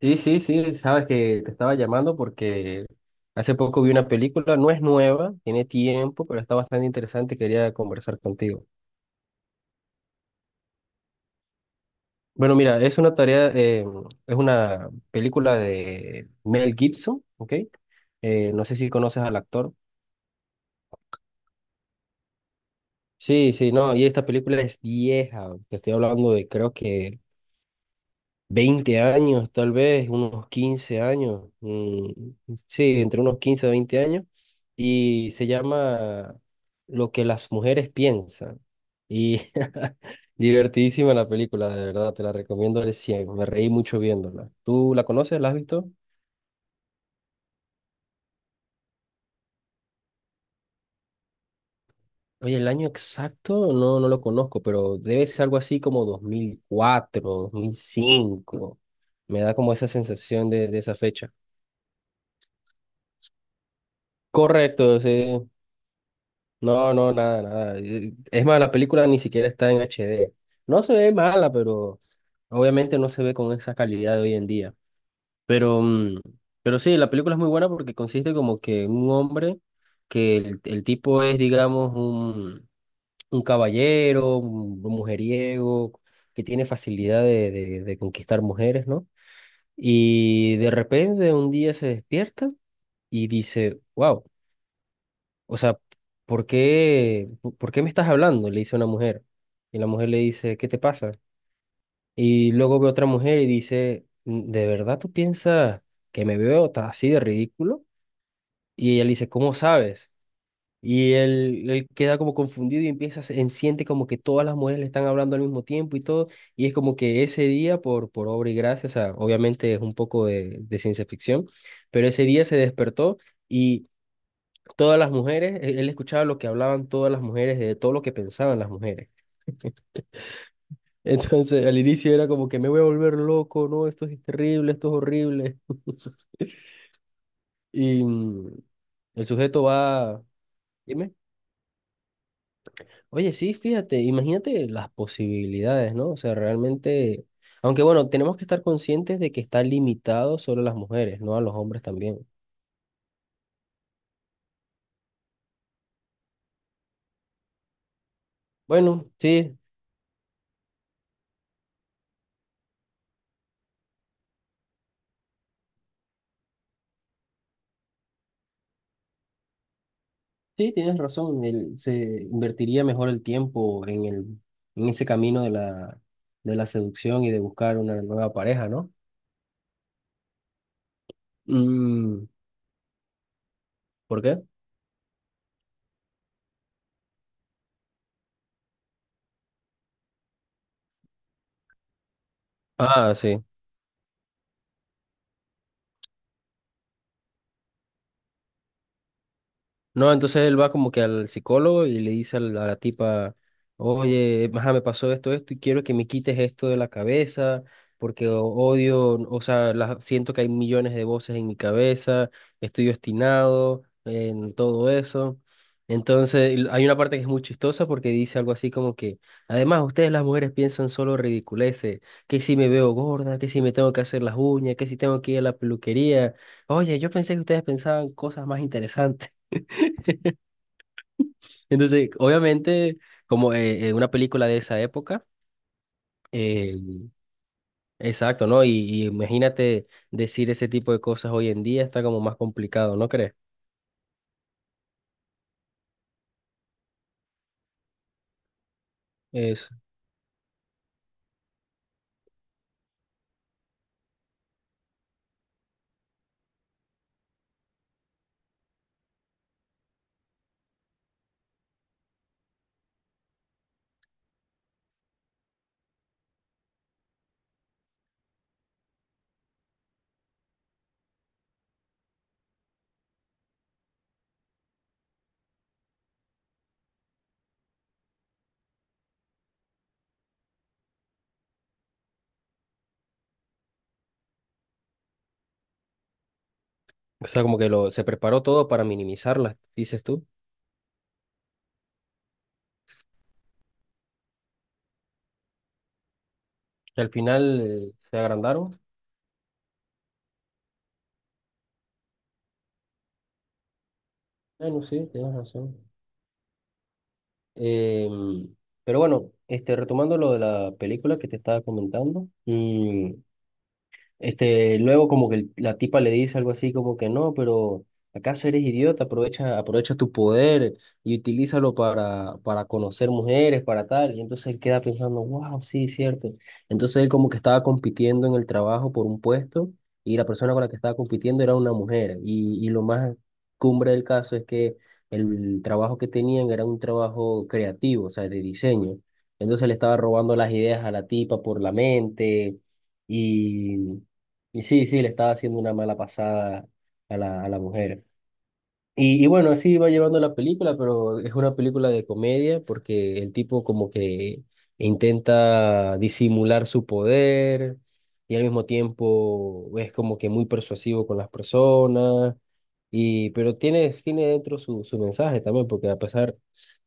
Sí, sí, sí, sabes que te estaba llamando porque hace poco vi una película, no es nueva, tiene tiempo, pero está bastante interesante y quería conversar contigo. Bueno, mira, es una tarea, es una película de Mel Gibson, ¿ok? No sé si conoces al actor. Sí, sí, no, y esta película es vieja, te estoy hablando de creo que 20 años, tal vez, unos 15 años, mm, sí, entre unos 15 a 20 años, y se llama Lo que las mujeres piensan. Y divertidísima la película, de verdad, te la recomiendo al cien, me reí mucho viéndola. ¿Tú la conoces? ¿La has visto? Oye, el año exacto no lo conozco, pero debe ser algo así como 2004, 2005. Me da como esa sensación de esa fecha. Correcto, sí, no, no, nada, nada. Es más, la película ni siquiera está en HD. No se ve mala, pero obviamente no se ve con esa calidad de hoy en día. Pero, pero sí, la película es muy buena porque consiste como que en un hombre, que el tipo es, digamos, un caballero, un mujeriego, que tiene facilidad de conquistar mujeres, ¿no? Y de repente un día se despierta y dice, wow. O sea, por qué me estás hablando? Le dice una mujer. Y la mujer le dice, ¿qué te pasa? Y luego ve otra mujer y dice, "Mm, ¿de verdad tú piensas que me veo así de ridículo? Y ella le dice, ¿cómo sabes? Y él queda como confundido y empieza, siente como que todas las mujeres le están hablando al mismo tiempo y todo. Y es como que ese día, por obra y gracia, o sea, obviamente es un poco de ciencia ficción, pero ese día se despertó. Y todas las mujeres, él escuchaba lo que hablaban todas las mujeres, de todo lo que pensaban las mujeres. Entonces, al inicio era como que me voy a volver loco, no, esto es terrible, esto es horrible. Y el sujeto va, dime, oye, sí, fíjate, imagínate las posibilidades, ¿no? O sea, realmente, aunque bueno, tenemos que estar conscientes de que está limitado solo a las mujeres, no a los hombres también. Bueno, sí, sí, tienes razón. El, se invertiría mejor el tiempo en el, en ese camino de la seducción y de buscar una nueva pareja, ¿no? Mm, ¿por qué? Ah, sí. No, entonces él va como que al psicólogo y le dice a a la tipa, oye, ajá, me pasó esto, esto, y quiero que me quites esto de la cabeza, porque odio, o sea, la- siento que hay millones de voces en mi cabeza, estoy obstinado en todo eso. Entonces, y hay una parte que es muy chistosa porque dice algo así como que, además, ustedes las mujeres piensan solo ridiculeces, que si me veo gorda, que si me tengo que hacer las uñas, que si tengo que ir a la peluquería. Oye, yo pensé que ustedes pensaban cosas más interesantes. Entonces, obviamente, como una película de esa época, eh, exacto, ¿no? Y imagínate decir ese tipo de cosas hoy en día está como más complicado, ¿no crees? Es, o sea, como que se preparó todo para minimizarlas, dices tú. Que al final se agrandaron. Bueno, sí, tienes razón. Em, pero bueno, este, retomando lo de la película que te estaba comentando, mm, este, luego como que la tipa le dice algo así como que no, pero ¿acaso eres idiota? Aprovecha, aprovecha tu poder y utilízalo para conocer mujeres, para tal. Y entonces él queda pensando, wow, sí, cierto. Entonces él como que estaba compitiendo en el trabajo por un puesto y la persona con la que estaba compitiendo era una mujer. Y lo más cumbre del caso es que el trabajo que tenían era un trabajo creativo, o sea, de diseño. Entonces le estaba robando las ideas a la tipa por la mente. Y sí, sí, le estaba haciendo una mala pasada a a la mujer. Y bueno, así va llevando la película, pero es una película de comedia porque el tipo como que intenta disimular su poder y al mismo tiempo es como que muy persuasivo con las personas, y, pero tiene dentro su mensaje también, porque a pesar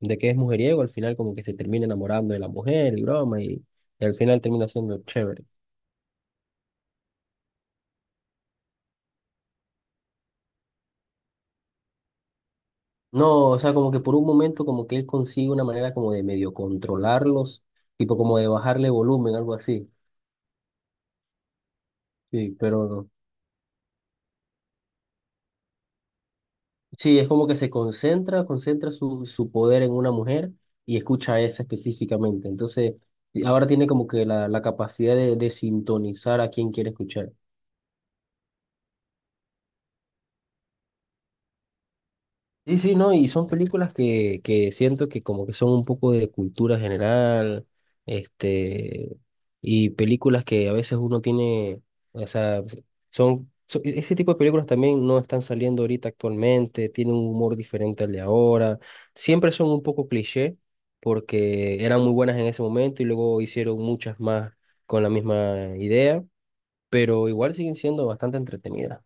de que es mujeriego, al final como que se termina enamorando de la mujer y broma y al final termina siendo chévere. No, o sea, como que por un momento como que él consigue una manera como de medio controlarlos, tipo como de bajarle volumen, algo así. Sí, pero no. Sí, es como que se concentra, concentra su poder en una mujer y escucha a esa específicamente. Entonces, y ahora tiene como que la capacidad de sintonizar a quien quiere escuchar. Sí, sí, no, y son películas que siento que como que son un poco de cultura general, este, y películas que a veces uno tiene, o sea, son, so- ese tipo de películas también no están saliendo ahorita actualmente, tienen un humor diferente al de ahora, siempre son un poco cliché, porque eran muy buenas en ese momento y luego hicieron muchas más con la misma idea, pero igual siguen siendo bastante entretenidas.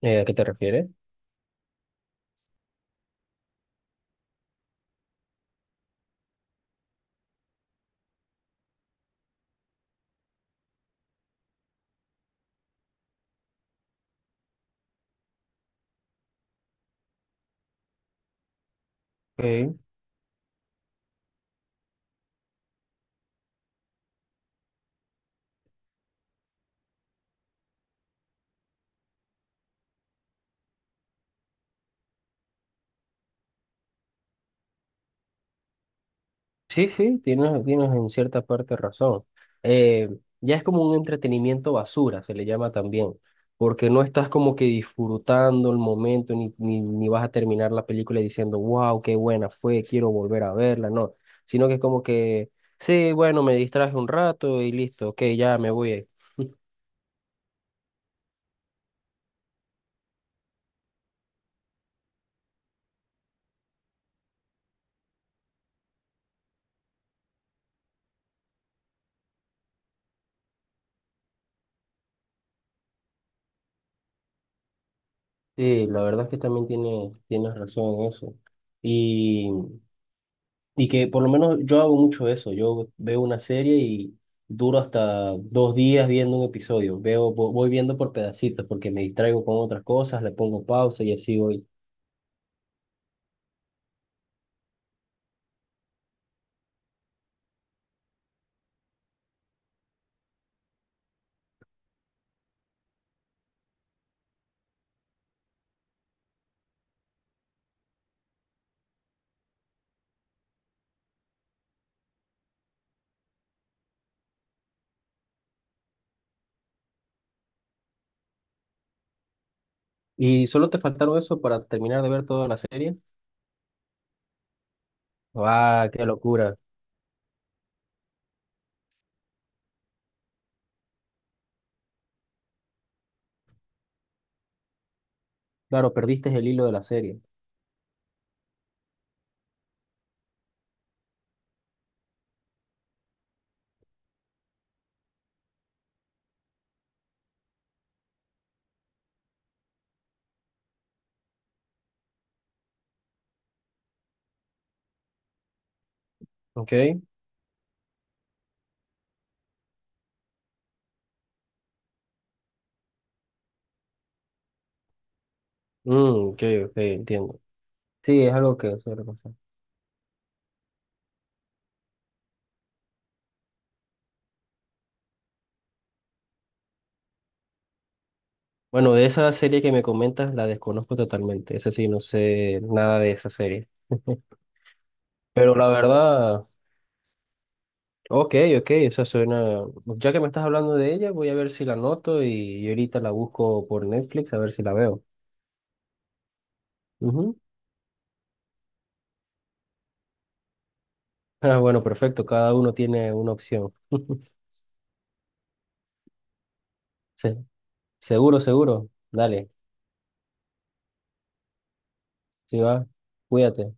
¿A qué te refieres? Sí, sí, tienes en cierta parte razón. Eh, ya es como un entretenimiento basura, se le llama también, porque no estás como que disfrutando el momento, ni vas a terminar la película diciendo, wow, qué buena fue, quiero volver a verla, no, sino que es como que, sí, bueno, me distraje un rato y listo, ok, ya me voy. Sí, la verdad es que también tienes razón en eso. Y que por lo menos yo hago mucho eso. Yo veo una serie y duro hasta 2 días viendo un episodio. Veo, voy viendo por pedacitos porque me distraigo con otras cosas, le pongo pausa y así voy. ¿Y solo te faltaron eso para terminar de ver toda la serie? ¡Ah, qué locura! Claro, perdiste el hilo de la serie. ¿Ok? Mm, ok, ok, entiendo. Sí, es algo que suele pasar. Bueno, de esa serie que me comentas, la desconozco totalmente. Esa sí, no sé nada de esa serie. Pero la verdad. Ok, ok, esa suena. Ya que me estás hablando de ella, voy a ver si la anoto y ahorita la busco por Netflix a ver si la veo. Ujú. Ah, bueno, perfecto, cada uno tiene una opción. Se- seguro, seguro. Dale, sí va, cuídate.